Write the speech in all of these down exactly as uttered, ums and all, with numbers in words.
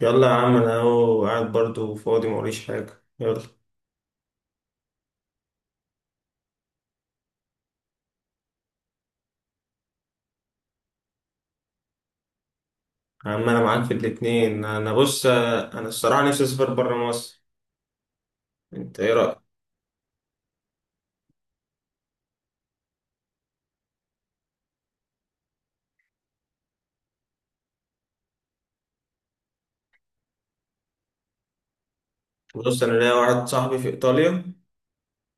يلا يا عم، انا اهو قاعد برضو فاضي موريش حاجة، يلا. يا عم، انا معاك في الاتنين. انا بص، انا الصراحة نفسي اسافر برا مصر. انت ايه رأيك؟ بص، انا ليا واحد صاحبي في ايطاليا،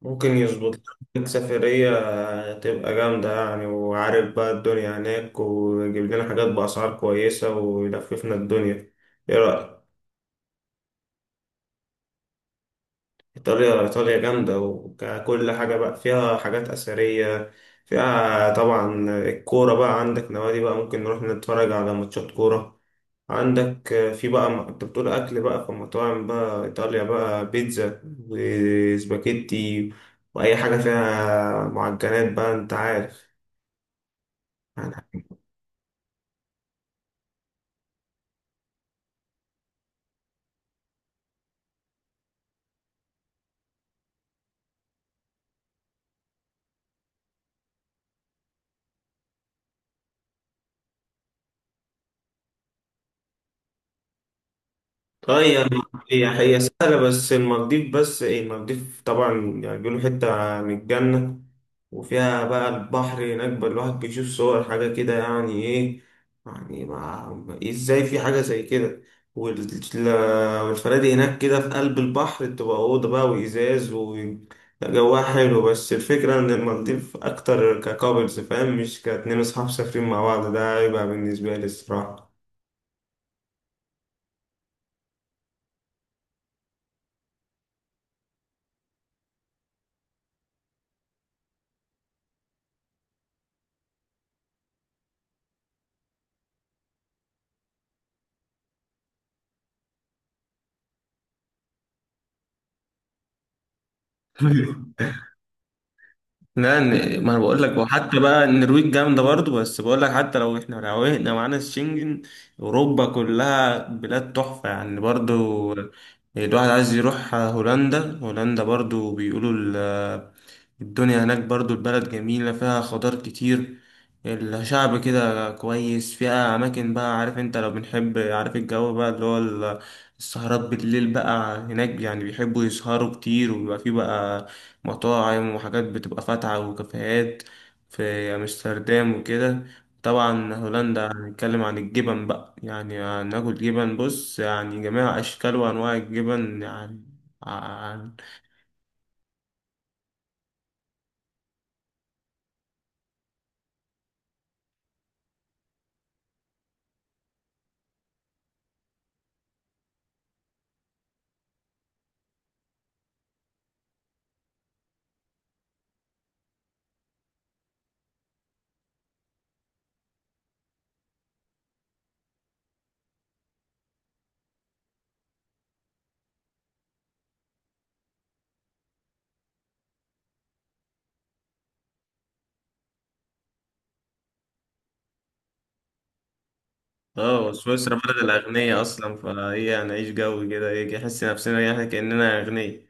ممكن يظبط لك سفرية تبقى جامدة يعني، وعارف بقى الدنيا هناك، ويجيب لنا حاجات بأسعار كويسة، ويلففنا الدنيا. ايه رأيك؟ إيطاليا إيطاليا جامدة، وكل حاجة بقى فيها حاجات أثرية. فيها طبعا الكورة، بقى عندك نوادي بقى، ممكن نروح نتفرج على ماتشات كورة. عندك في بقى م- أنت بتقول أكل بقى في مطاعم بقى، إيطاليا بقى بيتزا وسباكيتي، وأي حاجة فيها معجنات بقى، أنت عارف. طيب. هي هي سهلة بس المالديف. بس ايه، المالديف طبعا يعني بيقولوا حتة من الجنة، وفيها بقى البحر هناك، بقى الواحد بيشوف صور حاجة كده، يعني ايه، يعني ما ازاي في حاجة زي كده. وال- والفنادق هناك كده في قلب البحر، بتبقى أوضة بقى وإزاز، و لا، جواها حلو، بس الفكرة إن المالديف أكتر ككابلز فاهم، مش كاتنين أصحاب سافرين مع بعض، ده هيبقى بالنسبة لي الصراحة. لا، إن- ما انا بقول لك، وحتى بقى النرويج جامده برضو، بس بقول لك، حتى لو احنا روقنا معانا الشنجن، اوروبا كلها بلاد تحفه يعني برضو. الواحد عايز يروح هولندا. هولندا برضو بيقولوا ال- الدنيا هناك برضو، البلد جميله، فيها خضار كتير، الشعب كده كويس، فيها اماكن بقى، عارف انت لو بنحب، عارف الجو بقى اللي هو ال- السهرات بالليل بقى هناك، يعني بيحبوا يسهروا كتير، وبيبقى فيه بقى مطاعم وحاجات بتبقى فاتحة وكافيهات في أمستردام وكده. طبعا هولندا، هنتكلم عن الجبن بقى، يعني هناكل جبن بص، يعني جميع أشكال وأنواع الجبن يعني. عن- اه سويسرا بلد الأغنياء أصلا، فهي هنعيش جو كده، يجي نحس نفسنا يعني كأننا أغنياء.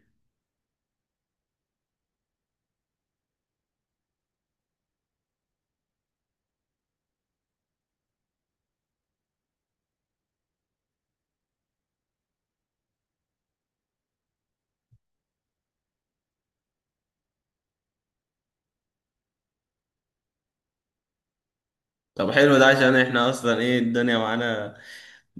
طب حلو ده، عشان احنا أصلا ايه، الدنيا معانا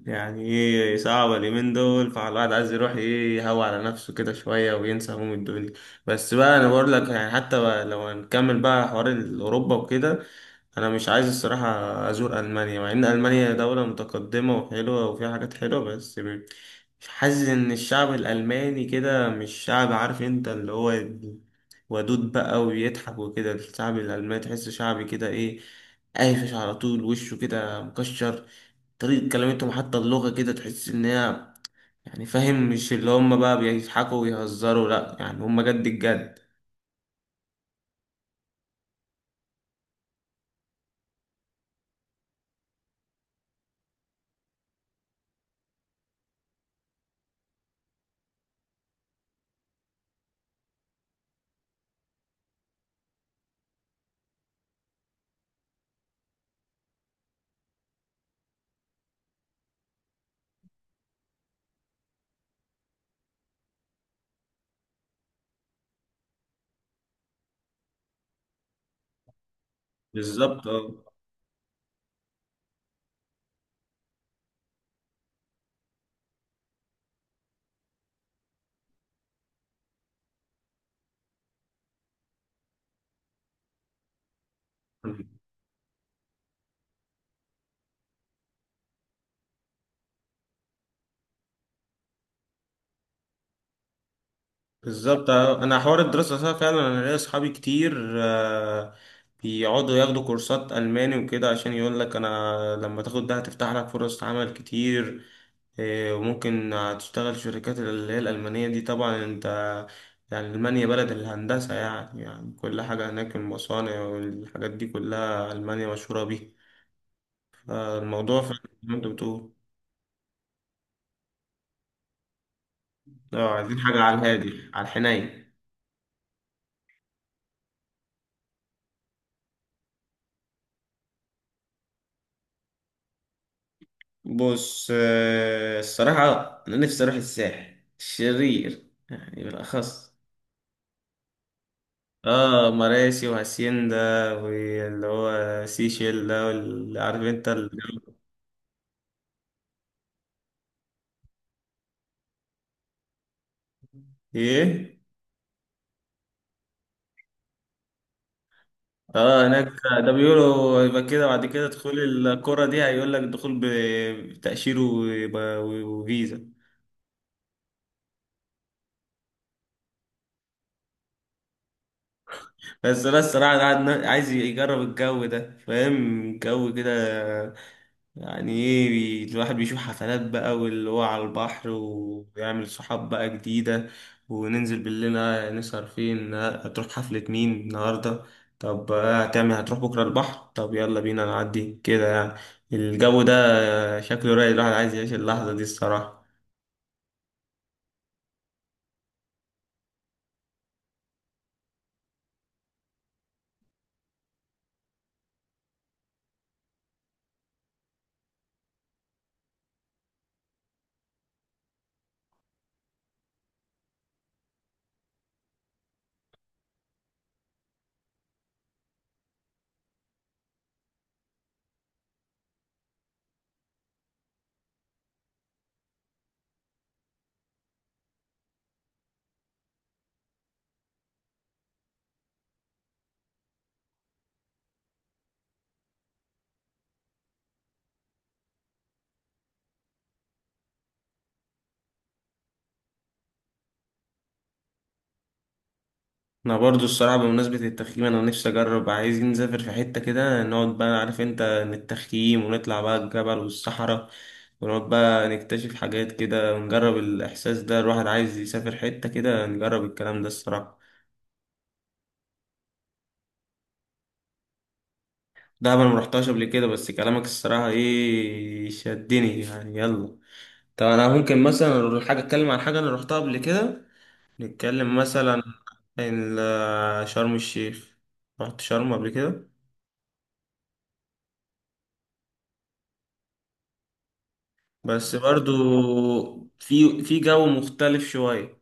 يعني ايه صعبة اليومين دول، فالواحد عايز يروح ايه، يهوى على نفسه كده شوية وينسى هموم الدنيا. بس بقى انا بقول لك يعني، حتى بقى لو هنكمل بقى حوار اوروبا وكده، انا مش عايز الصراحة ازور المانيا، مع ان المانيا دولة متقدمة وحلوة وفيها حاجات حلوة، بس م- حاسس ان الشعب الالماني كده مش شعب، عارف انت اللي هو ودود بقى ويضحك وكده. الشعب الالماني تحسه شعبي كده، ايه قايفش على طول، وشه كده مكشر. طريقة كلمتهم حتى، اللغة كده تحس إن هي يعني فاهم، مش اللي هم بقى بيضحكوا ويهزروا، لأ يعني هم جد الجد. بالظبط اه. بالظبط اه. أنا حوار الدراسة ده فعلا، أنا ليا أصحابي كتير آه، بيقعدوا ياخدوا كورسات ألماني وكده، عشان يقول لك أنا لما تاخد ده هتفتح لك فرص عمل كتير. إيه، وممكن تشتغل في شركات اللي هي الألمانية دي، طبعا انت يعني ألمانيا بلد الهندسة يعني يعني كل حاجة هناك، المصانع والحاجات دي كلها، ألمانيا مشهورة بيها. الموضوع فعلا زي ما انت بتقول. اه، عايزين حاجة على الهادي، على الحنين. بص، آه، الصراحة أنا نفسي أروح الساحل الشرير يعني، بالأخص. اه، مراسي وهاسيندا، واللي هو سيشيل ده، واللي عارف انت الجو- ايه. اه، هناك. ده بيقولوا يبقى كده، بعد كده تدخل الكرة دي، هيقول لك دخول ب- بتأشيرة وب- وفيزا. بس انا الصراحه، أنا عاد- عايز يجرب الجو ده فاهم، جو كده يعني ايه، بي- الواحد بيشوف حفلات بقى، واللي هو على البحر ويعمل صحاب بقى جديده، وننزل بالليل. آه، نسهر فين؟ آه، هتروح حفله مين النهارده؟ طب آه، هتعمل هتروح بكره البحر؟ طب يلا بينا نعدي كده يعني الجو ده، آه، شكله رايق. الواحد عايز يعيش اللحظه دي الصراحه. انا برضو الصراحه بمناسبه التخييم، انا نفسي اجرب. عايزين نسافر في حته كده، نقعد بقى، عارف انت نتخييم ونطلع بقى الجبل والصحراء، ونقعد بقى نكتشف حاجات كده، ونجرب الاحساس ده. الواحد عايز يسافر حته كده نجرب الكلام ده الصراحه. ده انا مرحتهاش قبل كده، بس كلامك الصراحه ايه شدني يعني، يلا. طب انا ممكن مثلا أروح حاجه، اتكلم عن حاجه انا رحتها قبل كده. نتكلم مثلا عن ال- شرم الشيخ. رحت شرم قبل كده، بس برضو في في جو مختلف شوية.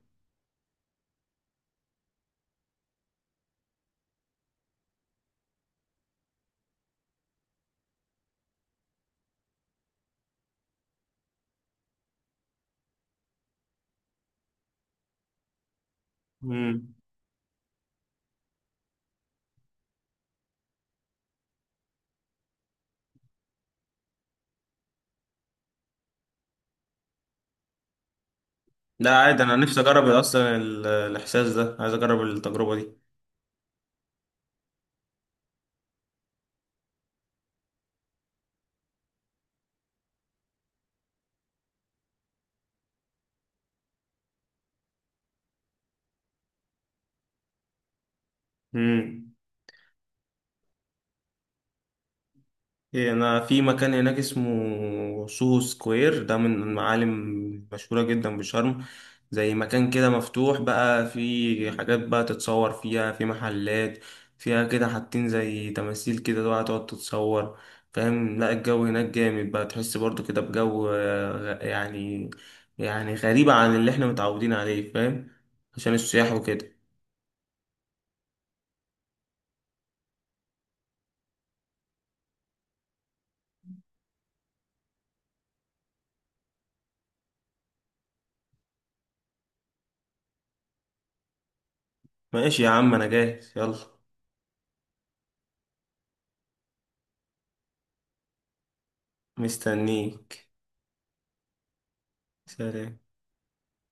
امم. لا، عادي، انا نفسي اجرب اصلا ال- الاحساس ده، عايز اجرب التجربة دي. امم. إيه، انا في مكان هناك اسمه سوهو سكوير، ده من المعالم مشهورة جدا بشرم، زي مكان كده مفتوح بقى، في حاجات بقى تتصور فيها، في محلات فيها كده حاطين زي تماثيل كده بقى تقعد تتصور فاهم. لا الجو هناك جامد بقى، تحس برضو كده بجو آه، غ- يعني، يعني غريبة عن اللي احنا متعودين عليه فاهم، عشان السياح وكده. ماشي يا عم، انا جاهز، يلا. مستنيك. سلام.